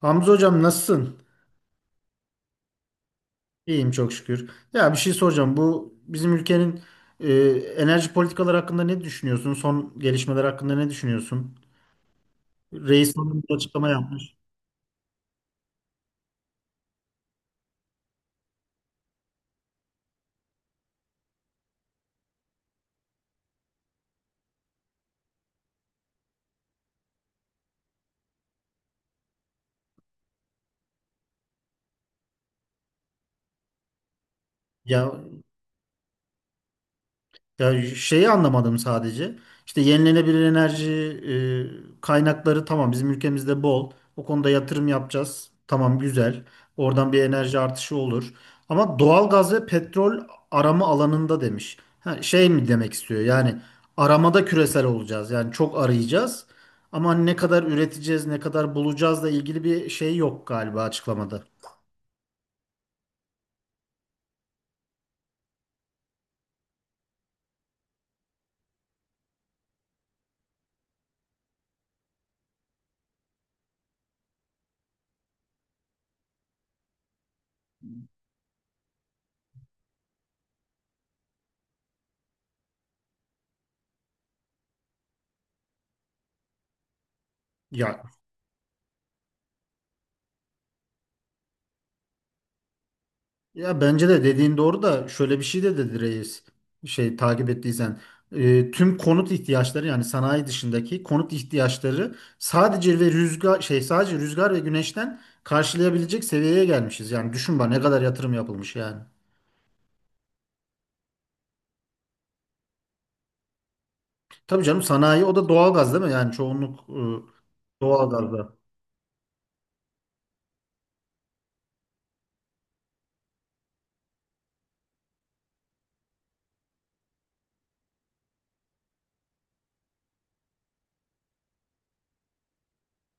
Hamza hocam nasılsın? İyiyim çok şükür. Ya bir şey soracağım. Bu bizim ülkenin e, enerji politikaları hakkında ne düşünüyorsun? Son gelişmeler hakkında ne düşünüyorsun? Reis hanım bir açıklama yapmış. Ya Ya, şeyi anlamadım sadece. İşte yenilenebilir enerji kaynakları tamam bizim ülkemizde bol. O konuda yatırım yapacağız. Tamam güzel. Oradan bir enerji artışı olur. Ama doğal gaz ve petrol arama alanında demiş. Ha, şey mi demek istiyor? Yani aramada küresel olacağız. Yani çok arayacağız. Ama ne kadar üreteceğiz, ne kadar bulacağızla ilgili bir şey yok galiba açıklamada. Ya Ya, bence de dediğin doğru da şöyle bir şey de dedi reis şey takip ettiysen tüm konut ihtiyaçları yani sanayi dışındaki konut ihtiyaçları sadece ve rüzgar şey sadece rüzgar ve güneşten karşılayabilecek seviyeye gelmişiz. Yani düşün bak ne kadar yatırım yapılmış yani. Tabii canım sanayi o da doğalgaz değil mi? Yani çoğunluk doğalgazda.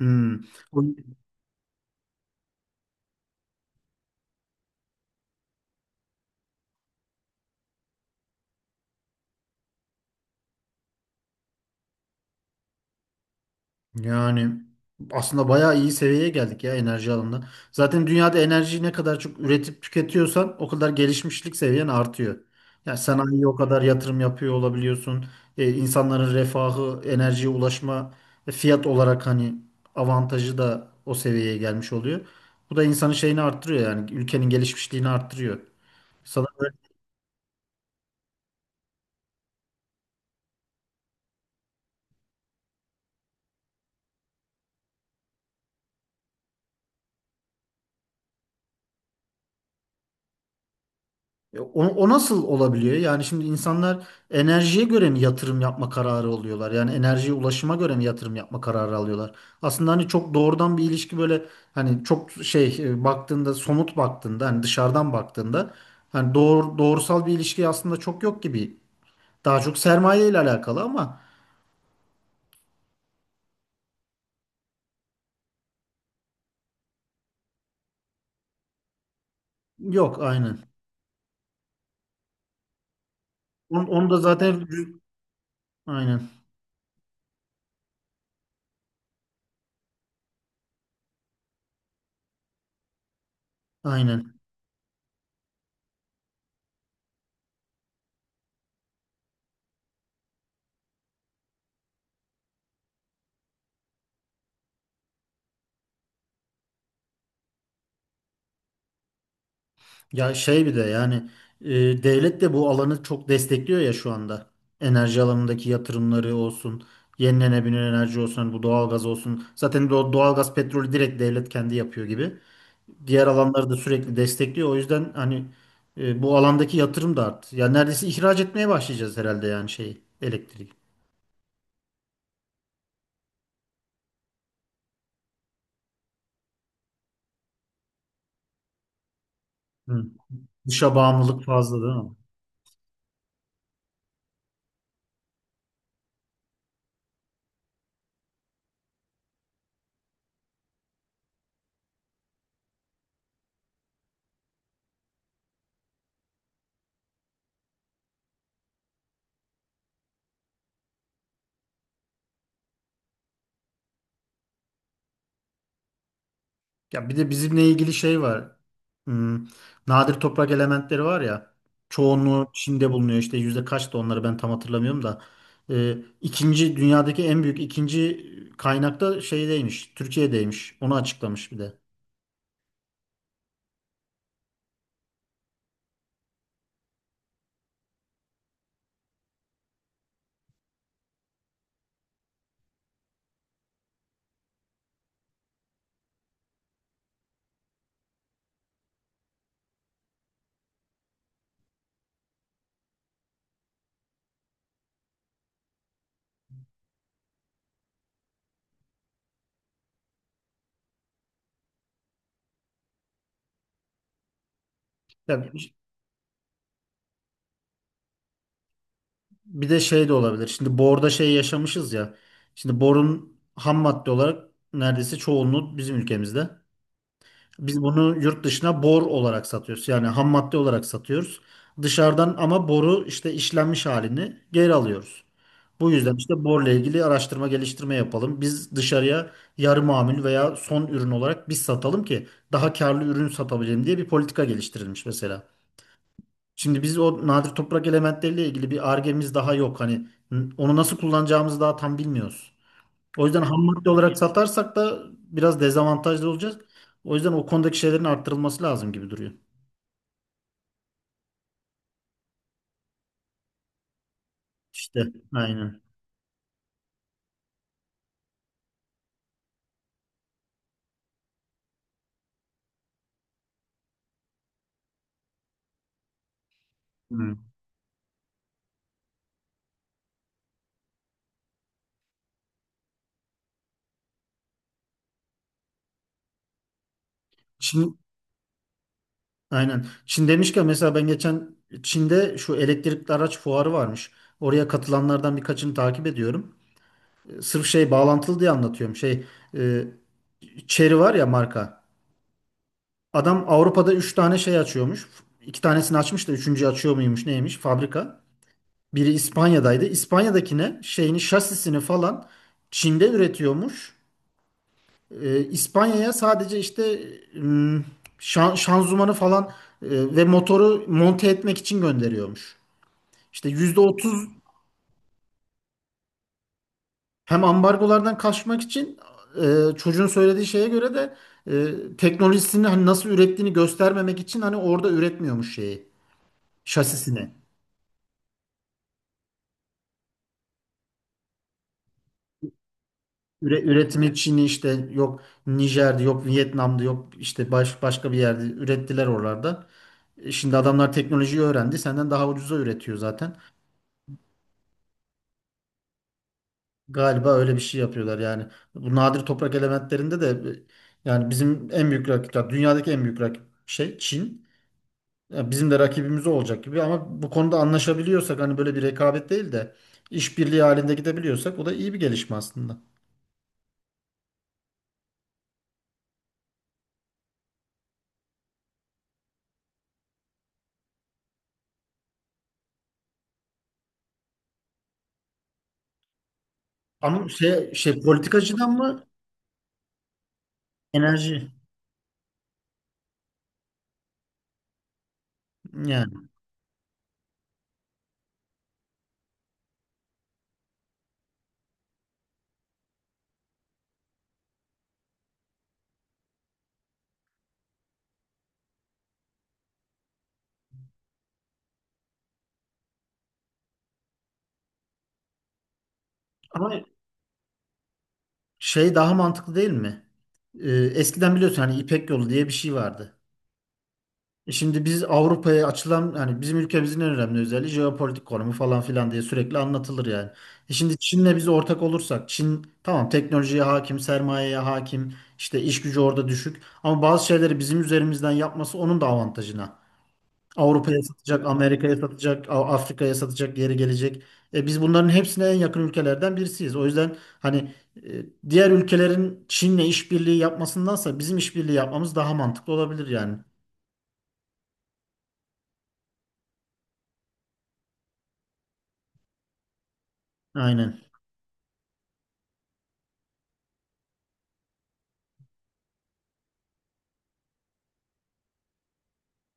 Hmm. Yani aslında bayağı iyi seviyeye geldik ya enerji alanında. Zaten dünyada enerjiyi ne kadar çok üretip tüketiyorsan o kadar gelişmişlik seviyen artıyor. Yani sanayiye o kadar yatırım yapıyor olabiliyorsun. İnsanların refahı, enerjiye ulaşma fiyat olarak hani avantajı da o seviyeye gelmiş oluyor. Bu da insanın şeyini arttırıyor yani ülkenin gelişmişliğini arttırıyor. Sanırım o nasıl olabiliyor? Yani şimdi insanlar enerjiye göre mi yatırım yapma kararı oluyorlar? Yani enerjiye ulaşıma göre mi yatırım yapma kararı alıyorlar? Aslında hani çok doğrudan bir ilişki böyle hani çok şey baktığında somut baktığında hani dışarıdan baktığında hani doğrusal bir ilişki aslında çok yok gibi. Daha çok sermaye ile alakalı ama yok aynen. Onu da zaten aynen aynen. Ya şey bir de yani e, devlet de bu alanı çok destekliyor ya şu anda. Enerji alanındaki yatırımları olsun, yenilenebilir enerji olsun, hani bu doğalgaz olsun. Zaten doğalgaz, petrolü direkt devlet kendi yapıyor gibi. Diğer alanları da sürekli destekliyor. O yüzden hani bu alandaki yatırım da arttı. Ya neredeyse ihraç etmeye başlayacağız herhalde yani şeyi, elektriği. Hı. Dışa bağımlılık fazla değil mi? Ya bir de bizimle ilgili şey var. Hmm, nadir toprak elementleri var ya. Çoğunluğu Çin'de bulunuyor. İşte yüzde kaçtı onları ben tam hatırlamıyorum da. İkinci dünyadaki en büyük ikinci kaynakta şeydeymiş. Türkiye'deymiş. Onu açıklamış bir de. Ya, bir de şey de olabilir. Şimdi borda şey yaşamışız ya. Şimdi borun ham madde olarak neredeyse çoğunluğu bizim ülkemizde. Biz bunu yurt dışına bor olarak satıyoruz. Yani ham madde olarak satıyoruz. Dışarıdan ama boru işte işlenmiş halini geri alıyoruz. Bu yüzden işte borla ilgili araştırma geliştirme yapalım. Biz dışarıya yarı mamul veya son ürün olarak biz satalım ki daha karlı ürün satabilelim diye bir politika geliştirilmiş mesela. Şimdi biz o nadir toprak elementleriyle ilgili bir argemiz daha yok. Hani onu nasıl kullanacağımızı daha tam bilmiyoruz. O yüzden ham madde olarak satarsak da biraz dezavantajlı olacağız. O yüzden o konudaki şeylerin arttırılması lazım gibi duruyor. İşte aynen. Hı. Çin aynen. Çin demişken mesela ben geçen Çin'de şu elektrikli araç fuarı varmış. Oraya katılanlardan birkaçını takip ediyorum. E, sırf şey bağlantılı diye anlatıyorum. Şey e, Chery var ya marka. Adam Avrupa'da 3 tane şey açıyormuş. İki tanesini açmış da üçüncüyü açıyor muymuş neymiş fabrika. Biri İspanya'daydı. İspanya'dakine şeyini şasisini falan Çin'de üretiyormuş. İspanya'ya sadece işte ım, şanzımanı falan ve motoru monte etmek için gönderiyormuş. İşte %30 hem ambargolardan kaçmak için çocuğun söylediği şeye göre de teknolojisini hani nasıl ürettiğini göstermemek için hani orada üretmiyormuş şeyi şasisini. Üretimi Çin'i işte yok Nijer'de yok Vietnam'da yok işte başka bir yerde ürettiler oralarda. E şimdi adamlar teknolojiyi öğrendi. Senden daha ucuza üretiyor zaten. Galiba öyle bir şey yapıyorlar yani. Bu nadir toprak elementlerinde de yani bizim en büyük ya dünyadaki en büyük rakip şey Çin. Ya bizim de rakibimiz o olacak gibi ama bu konuda anlaşabiliyorsak hani böyle bir rekabet değil de işbirliği halinde gidebiliyorsak o da iyi bir gelişme aslında. Ama şey politikacıdan mı enerji yani. Ama şey daha mantıklı değil mi? Eskiden biliyorsun hani İpek Yolu diye bir şey vardı. E şimdi biz Avrupa'ya açılan hani bizim ülkemizin en önemli özelliği jeopolitik konumu falan filan diye sürekli anlatılır yani. E şimdi Çin'le biz ortak olursak Çin tamam teknolojiye hakim, sermayeye hakim, işte iş gücü orada düşük ama bazı şeyleri bizim üzerimizden yapması onun da avantajına. Avrupa'ya satacak, Amerika'ya satacak, Afrika'ya satacak, geri gelecek. E biz bunların hepsine en yakın ülkelerden birisiyiz. O yüzden hani diğer ülkelerin Çin'le işbirliği yapmasındansa bizim işbirliği yapmamız daha mantıklı olabilir yani. Aynen.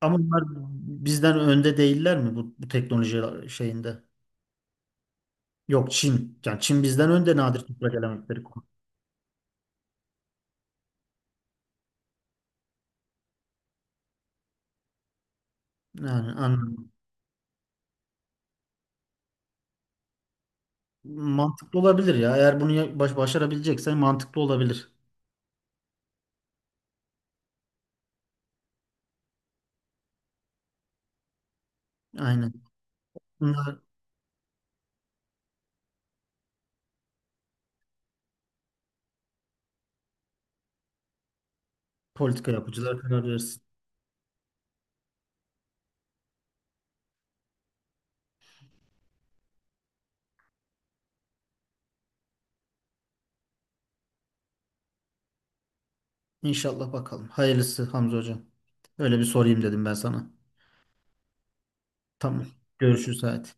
Ama bunlar bizden önde değiller mi bu teknoloji şeyinde? Yok Çin. Yani Çin bizden önde nadir toprak elementleri. Konu- Yani anladım. Mantıklı olabilir ya. Eğer bunu başarabileceksen mantıklı olabilir. Aynen. Bunlar politika yapıcılar karar versin. İnşallah bakalım. Hayırlısı Hamza hocam. Öyle bir sorayım dedim ben sana. Tamam. Görüşürüz hayatım.